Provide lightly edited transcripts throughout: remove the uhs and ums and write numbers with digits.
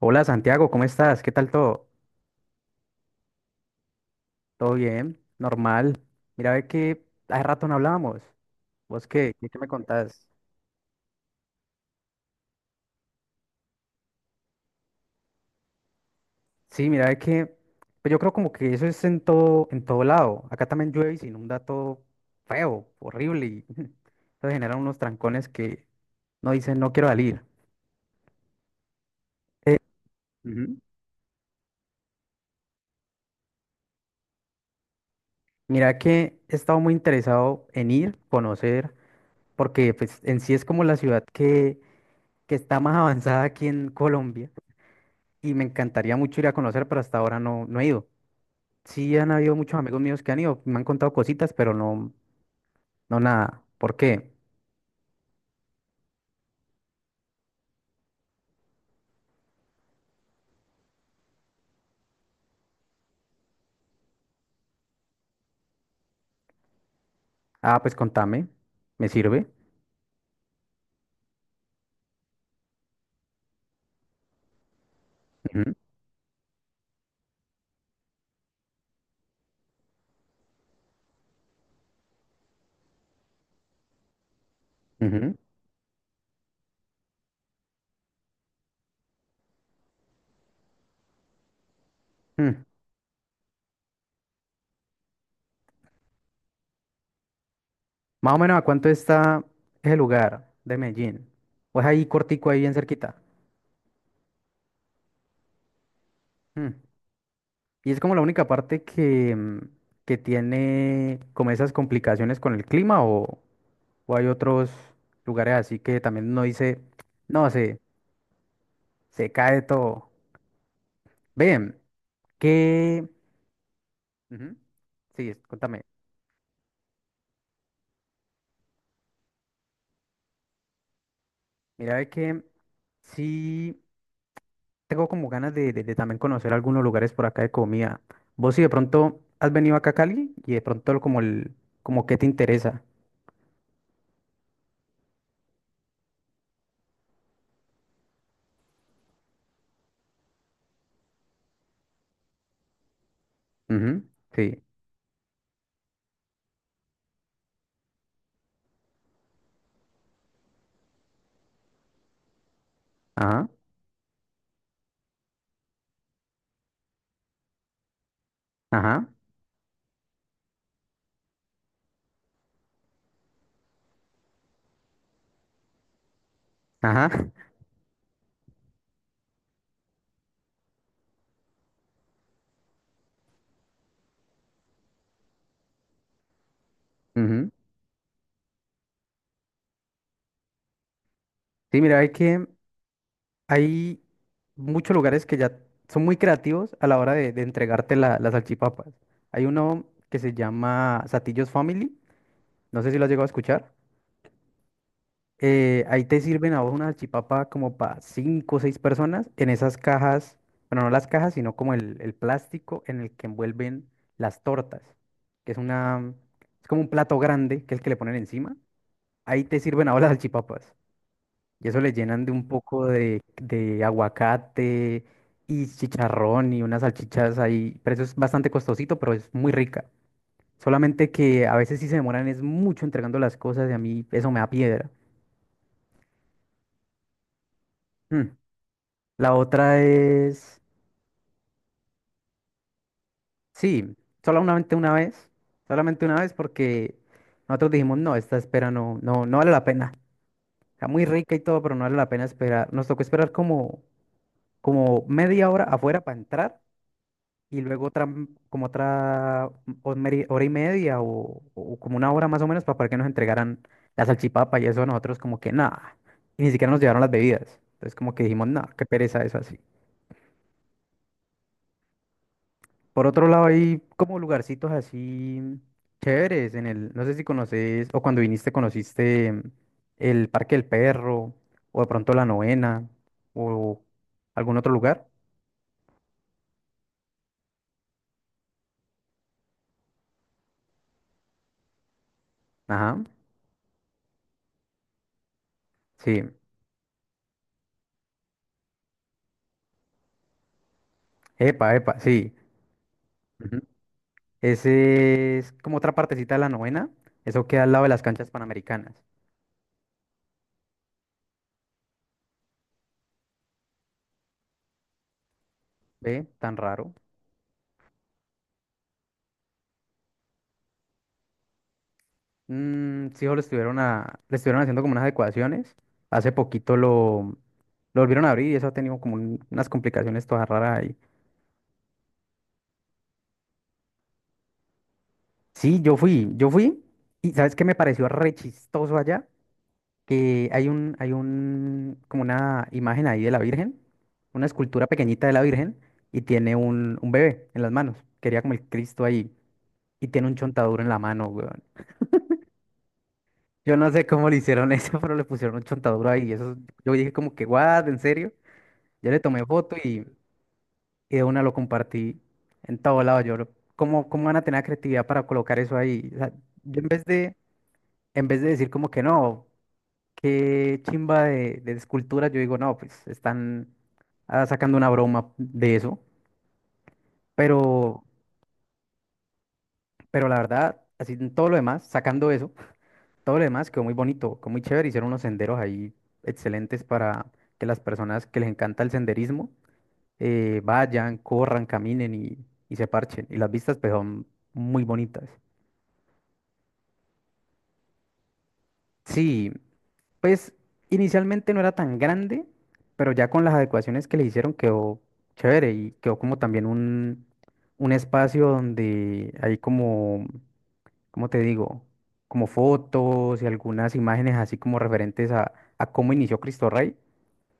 Hola Santiago, ¿cómo estás? ¿Qué tal todo? ¿Todo bien? ¿Normal? Mira, ve que hace rato no hablábamos. ¿Vos qué? ¿Qué me contás? Sí, mira, ve que pues yo creo como que eso es en todo lado. Acá también llueve y se inunda todo feo, horrible y eso genera unos trancones que no dicen no quiero salir. Eh, ujú. Mira que he estado muy interesado en ir, conocer, porque pues en sí es como la ciudad que está más avanzada aquí en Colombia y me encantaría mucho ir a conocer, pero hasta ahora no, no he ido. Sí han habido muchos amigos míos que han ido, me han contado cositas, pero no, no nada. ¿Por qué? Ah, pues contame, me sirve. Ujú, ujú. Mm. Más o menos a cuánto está ese lugar de Medellín. Pues ahí cortico, ahí bien cerquita. Mm. Y es como la única parte que, que tiene como esas complicaciones con el clima o hay otros lugares así que también no dice, no, se cae todo. Bien. Que, ujú, sí, contame. Mira, ve que sí tengo como ganas de, de también conocer algunos lugares por acá de comida. Vos si de pronto has venido acá a Cali y de pronto como el, como qué te interesa. Ujú, sí, ajá, ajá, ajá. ujú. Sí, mira, hay que hay muchos lugares que ya son muy creativos a la hora de entregarte las salchipapas. Hay uno que se llama Satillos Family, no sé si lo has llegado a escuchar. Eh, ahí te sirven a vos una salchipapa como para cinco o seis personas en esas cajas, bueno, no las cajas, sino como el plástico en el que envuelven las tortas, que es una, es como un plato grande, que es el que le ponen encima. Ahí te sirven ahora las salchipapas. Y eso le llenan de un poco de aguacate y chicharrón y unas salchichas ahí. Pero eso es bastante costosito, pero es muy rica. Solamente que a veces sí se demoran, es mucho entregando las cosas y a mí eso me da piedra. Mm. La otra es, sí, solamente una vez, solamente una vez porque nosotros dijimos, no, esta espera no, no, no vale la pena. Está muy rica y todo, pero no vale la pena esperar. Nos tocó esperar como, como media hora afuera para entrar y luego otra, como otra o hora y media o como una hora más o menos para que nos entregaran la salchipapa y eso nosotros como que nada. Y ni siquiera nos llevaron las bebidas. Entonces como que dijimos, no, qué pereza eso así. Por otro lado, hay como lugarcitos así chéveres en el, no sé si conoces, o cuando viniste conociste el Parque del Perro, o de pronto la Novena, o algún otro lugar. Ajá, sí. Epa, epa, sí. Ujú. Ese es como otra partecita de la Novena. Eso queda al lado de las canchas panamericanas. ¿Ve? Tan raro. Mm, sí, o le estuvieron a, le estuvieron haciendo como unas adecuaciones. Hace poquito lo volvieron a abrir y eso ha tenido como unas complicaciones todas raras ahí. Sí, yo fui, y ¿sabes qué me pareció re chistoso allá? Que hay un, como una imagen ahí de la Virgen, una escultura pequeñita de la Virgen, y tiene un bebé en las manos, quería como el Cristo ahí, y tiene un chontaduro en la mano, weón. Yo no sé cómo le hicieron eso, pero le pusieron un chontaduro ahí, y eso, yo dije como que, what, ¿en serio? Yo le tomé foto y de una lo compartí en todo lado, yo, lo- ¿cómo, cómo van a tener la creatividad para colocar eso ahí? O sea, yo en vez de decir como que no, qué chimba de escultura. Yo digo, no, pues están ah, sacando una broma de eso. Pero, pero la verdad, así en todo lo demás, sacando eso, todo lo demás quedó muy bonito, quedó muy chévere. Hicieron unos senderos ahí excelentes para que las personas que les encanta el senderismo vayan, corran, caminen y se parchen. Y las vistas pues son muy bonitas. Sí, pues inicialmente no era tan grande, pero ya con las adecuaciones que le hicieron quedó chévere y quedó como también un espacio donde hay como, ¿cómo te digo? Como fotos y algunas imágenes así como referentes a cómo inició Cristo Rey.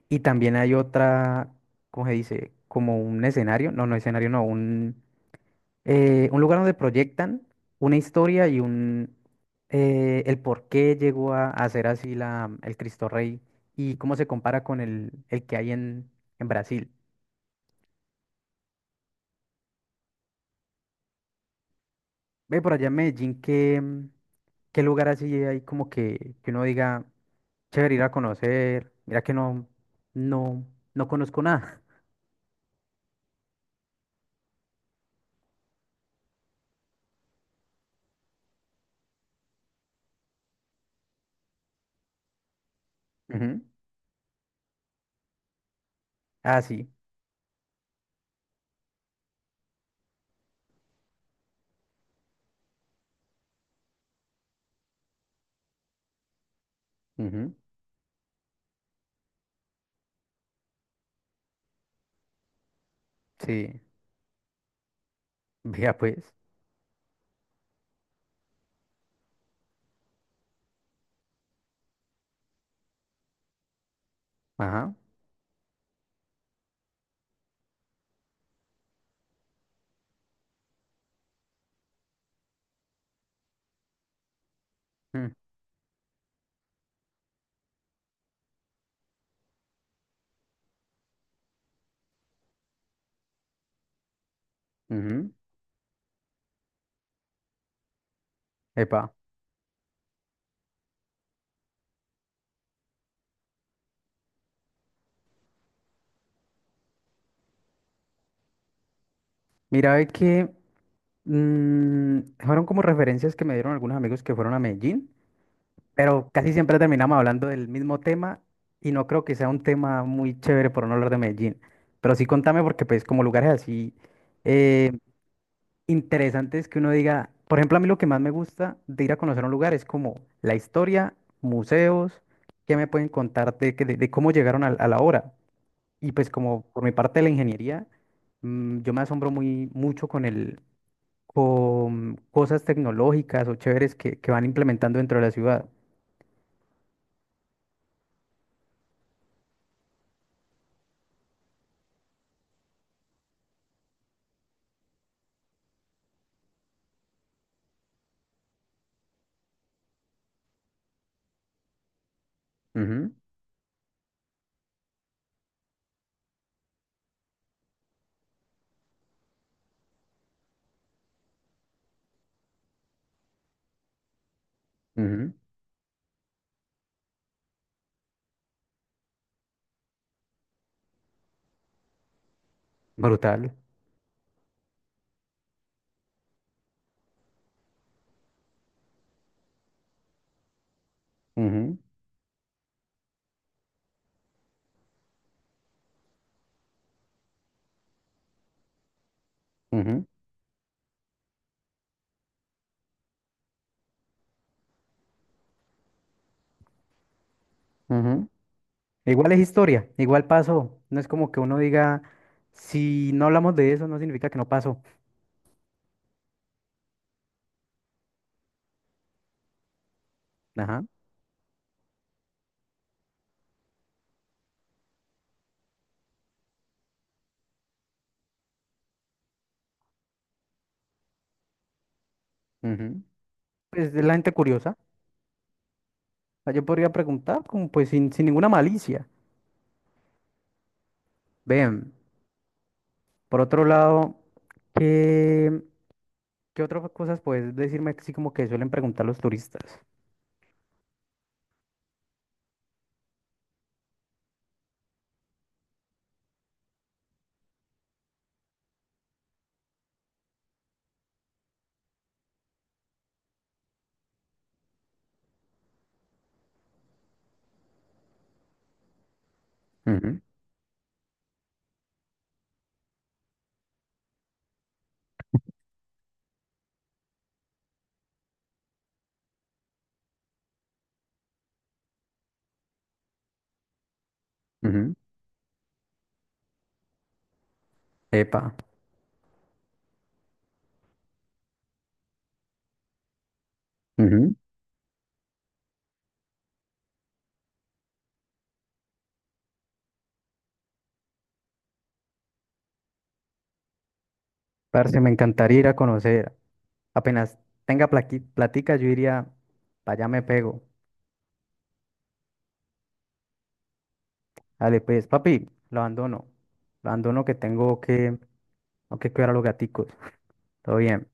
Y también hay otra, ¿cómo se dice? Como un escenario, no, no escenario, no, un lugar donde proyectan una historia y un el por qué llegó a ser así la, el Cristo Rey y cómo se compara con el que hay en Brasil. Ve por allá en Medellín, ¿qué, qué lugar así hay como que uno diga, chévere ir a conocer? Mira que no, no, no conozco nada. Ujú. Ah, sí. Ujú, sí. Vea pues. Ajá. mm, ujú, Epa. Mira, ve que mm, fueron como referencias que me dieron algunos amigos que fueron a Medellín, pero casi siempre terminamos hablando del mismo tema y no creo que sea un tema muy chévere por no hablar de Medellín. Pero sí contame porque pues como lugares así eh, interesantes que uno diga, por ejemplo, a mí lo que más me gusta de ir a conocer un lugar es como la historia, museos, qué me pueden contar de, de cómo llegaron a la hora. Y pues como por mi parte de la ingeniería, yo me asombro muy mucho con el con cosas tecnológicas o chéveres que van implementando dentro de la ciudad. Ujú, ujú, Brutal. Ujú, ujú, ujú. Igual es historia, igual pasó. No es como que uno diga, si no hablamos de eso, no significa que no pasó. Ajá. Ujú. Pues es la gente curiosa. O sea, yo podría preguntar, como pues sin, sin ninguna malicia. Ven, por otro lado, ¿qué, qué otras cosas puedes decirme así como que suelen preguntar los turistas? Ujú, ujú. Epa. Ujú. Parce, me encantaría ir a conocer. Apenas tenga platica, yo iría, para allá me pego. Dale, pues, papi, lo abandono. Lo abandono que tengo que, tengo que cuidar a los gaticos. Todo bien.